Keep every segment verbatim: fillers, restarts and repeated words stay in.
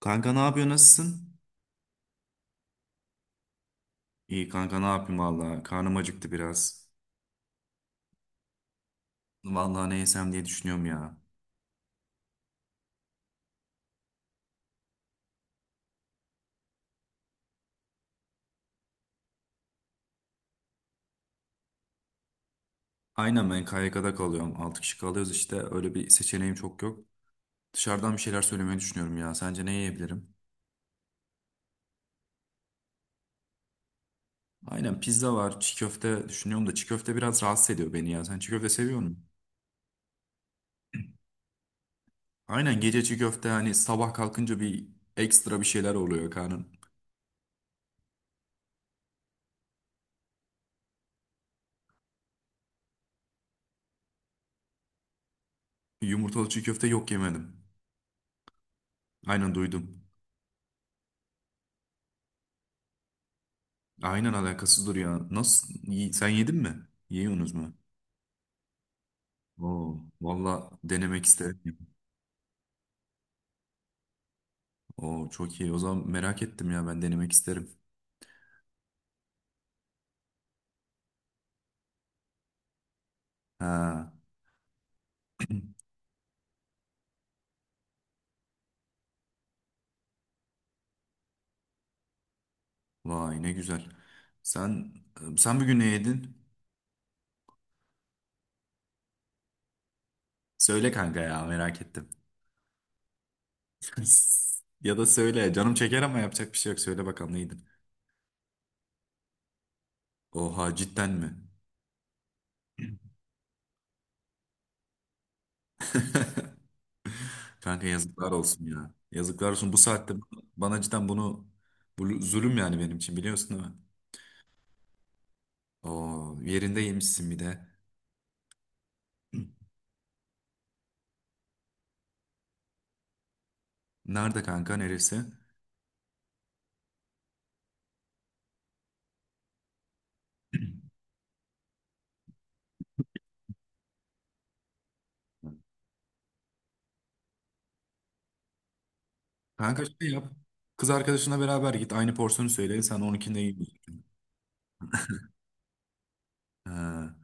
Kanka ne yapıyor nasılsın? İyi kanka ne yapayım valla karnım acıktı biraz. Valla ne yesem diye düşünüyorum ya. Aynen ben K Y K'da kalıyorum altı kişi kalıyoruz işte öyle bir seçeneğim çok yok. Dışarıdan bir şeyler söylemeyi düşünüyorum ya sence ne yiyebilirim? Aynen pizza var çiğ köfte düşünüyorum da çiğ köfte biraz rahatsız ediyor beni ya sen çiğ köfte seviyor musun? Aynen gece çiğ köfte hani sabah kalkınca bir ekstra bir şeyler oluyor karnın. Yumurtalı çiğ köfte yok yemedim. Aynen duydum. Aynen alakasızdır ya. Nasıl? Sen yedin mi? Yiyorsunuz mu? Oo, valla denemek isterim. Oo, çok iyi. O zaman merak ettim ya ben denemek isterim. Ha, vay ne güzel. Sen sen bugün ne yedin? Söyle kanka ya merak ettim. Ya da söyle canım çeker ama yapacak bir şey yok. Söyle bakalım ne yedin? Oha cidden mi? Kanka yazıklar olsun ya. Yazıklar olsun bu saatte bana cidden bunu bu zulüm yani benim için biliyorsun değil mi? Oo, yerinde yemişsin bir de. Nerede kanka neresi? Kanka şey yap. Kız arkadaşına beraber git. Aynı porsiyonu söyle. Sen onunkinde yiyorsun. Ha.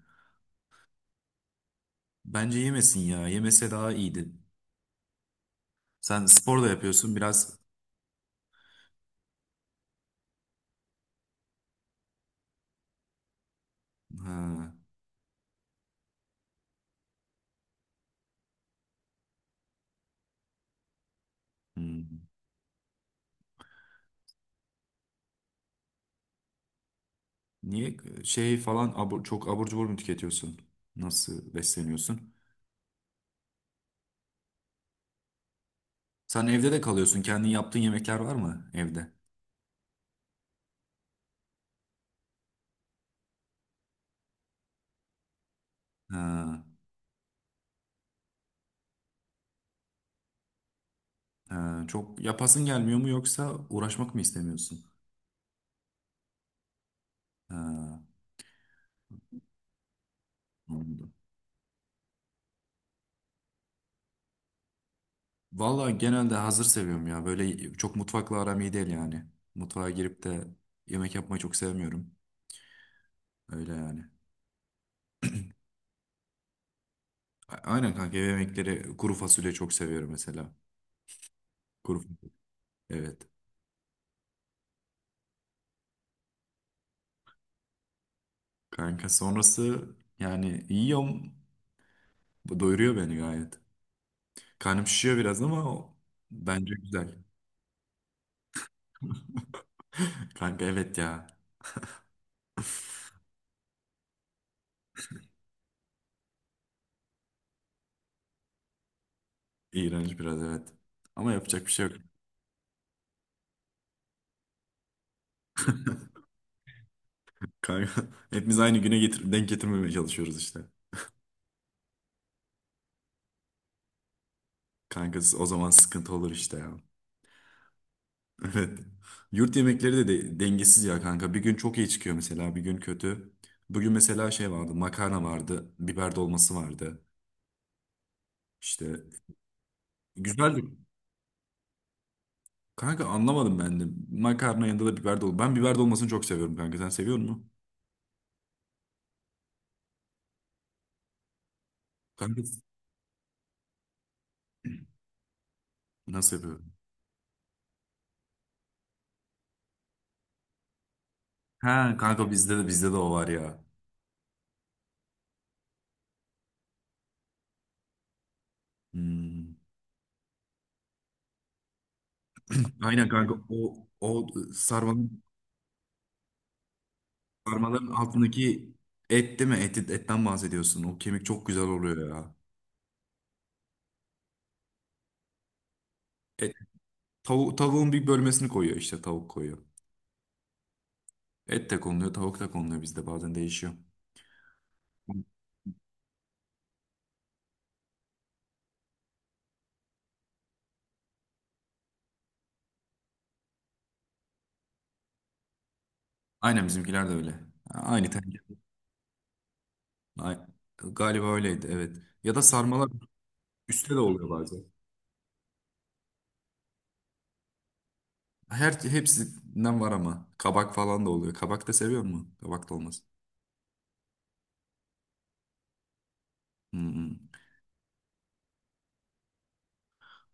Bence yemesin ya. Yemese daha iyiydi. Sen spor da yapıyorsun biraz. Ha. Hmm. Niye şey falan abur- çok abur cubur mu tüketiyorsun? Nasıl besleniyorsun? Sen evde de kalıyorsun. Kendin yaptığın yemekler var mı evde? Ha. Ha. Çok yapasın gelmiyor mu yoksa uğraşmak mı istemiyorsun? Ha. Anladım. Vallahi genelde hazır seviyorum ya. Böyle çok mutfakla aram iyi değil yani. Mutfağa girip de yemek yapmayı çok sevmiyorum. Öyle yani. A- Aynen kanka ev yemekleri kuru fasulye çok seviyorum mesela. Kuru fasulye. Evet. Kanka sonrası yani yiyorum. Bu doyuruyor beni gayet. Karnım şişiyor biraz ama o bence güzel. Kanka evet ya. İğrenç biraz evet. Ama yapacak bir şey yok. Kanka hepimiz aynı güne getir denk getirmemeye çalışıyoruz işte. Kankası o zaman sıkıntı olur işte ya. Evet. Yurt yemekleri de, de- dengesiz ya kanka. Bir gün çok iyi çıkıyor mesela, bir gün kötü. Bugün mesela şey vardı, makarna vardı, biber dolması vardı. İşte güzeldi. Kanka anlamadım ben de. Makarna yanında da biber dolması. Ben biber dolmasını çok seviyorum kanka. Sen seviyor musun? Kanka nasıl yapıyorum? Ha kanka bizde de bizde de o var ya. Hmm. Aynen kanka o o sarmanın sarmaların altındaki et değil mi? Et, etten bahsediyorsun. O kemik çok güzel oluyor ya. Tavu tavuğun bir bölmesini koyuyor işte tavuk koyuyor. Et de konuluyor, tavuk da konuluyor bizde bazen değişiyor. Aynen bizimkiler de öyle. Aynı tencere. Ay- Galiba öyleydi evet. Ya da sarmalar üstte de oluyor bazen. Her hepsinden var ama kabak falan da oluyor. Kabak da seviyor mu? Kabak da olmaz. Hı hı.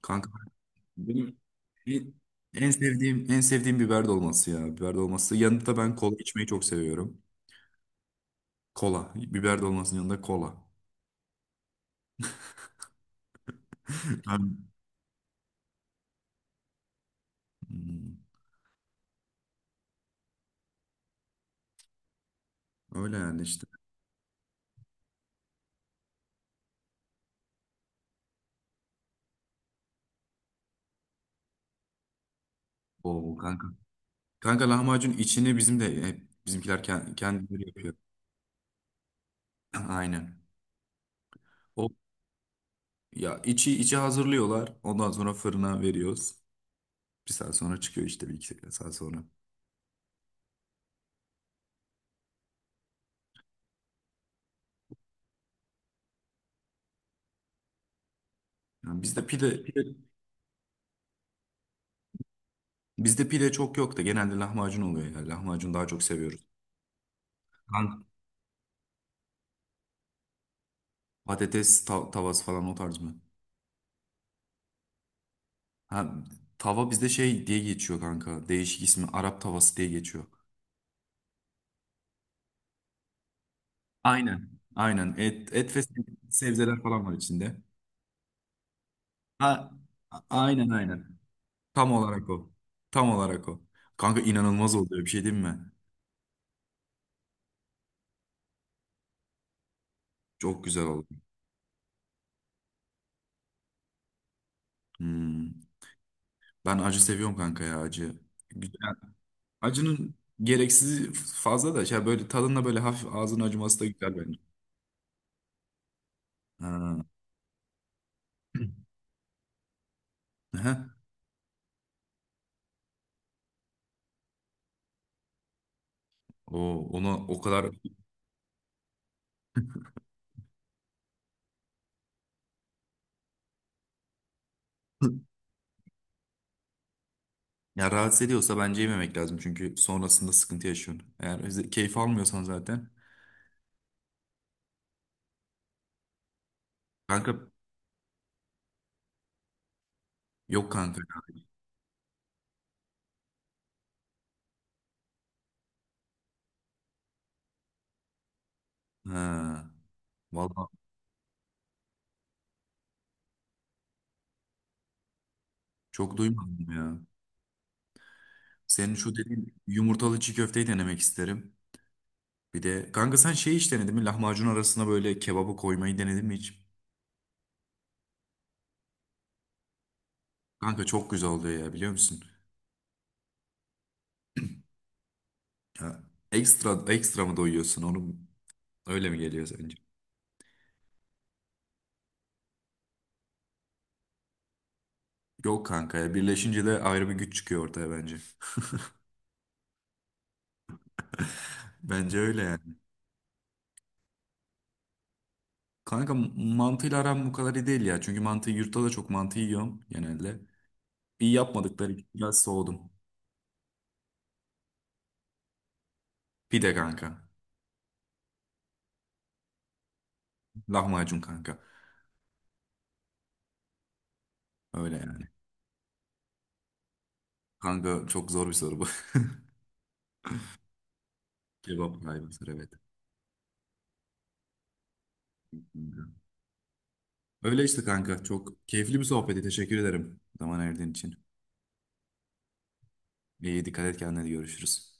Kanka benim en, en sevdiğim en sevdiğim biber dolması ya. Biber dolması. Yanında da ben kola içmeyi çok seviyorum. Kola. Biber dolmasının yanında kola. Ben- Hmm, öyle yani işte. Oo kanka. Kanka lahmacun içini bizim de hep bizimkiler kend- kendileri yapıyor. Aynen. O ya içi içi hazırlıyorlar. Ondan sonra fırına veriyoruz. Bir saat sonra çıkıyor işte bir iki saat sonra. Yani bizde pide, pide bizde pide çok yok da genelde lahmacun oluyor ya. Lahmacun daha çok seviyoruz. Patates ta- tavası falan o tarz mı? Ha, tava bizde şey diye geçiyor kanka. Değişik ismi Arap tavası diye geçiyor. Aynen. Aynen. Et, et ve se- sebzeler falan var içinde. Ha, a- aynen aynen. Tam olarak o. Tam olarak o. Kanka inanılmaz oluyor bir şey değil mi? Çok güzel oldu. Hmm. Ben acı seviyorum kanka ya acı. Güzel. Acının gereksiz fazla da şey böyle tadında böyle hafif ağzın acıması da güzel bence. Ha. Aha. O ona o kadar. Ya rahatsız ediyorsa bence yememek lazım çünkü sonrasında sıkıntı yaşıyorsun. Eğer öze- keyif almıyorsan zaten. Kanka yok kanka. Ha, valla çok duymadım ya. Senin şu dediğin yumurtalı çiğ köfteyi denemek isterim. Bir de kanka sen şey hiç denedin mi? Lahmacun arasına böyle kebabı koymayı denedin mi hiç? Kanka çok güzel oluyor ya biliyor musun? Ya, ekstra ekstra mı doyuyorsun onu öyle mi geliyor sence? Yok kanka ya birleşince de ayrı bir güç çıkıyor ortaya bence. Bence öyle yani. Kanka mantıyla aram bu kadar iyi değil ya. Çünkü mantıyı yurtta da çok mantı yiyorum genelde. Bir yapmadıkları için biraz soğudum. Pide kanka. Lahmacun kanka. Öyle yani. Kanka çok zor bir soru bu. Kebap galiba soru evet. Öyle işte kanka. Çok keyifli bir sohbetti. Teşekkür ederim zaman ayırdığın için. İyi dikkat et kendine görüşürüz.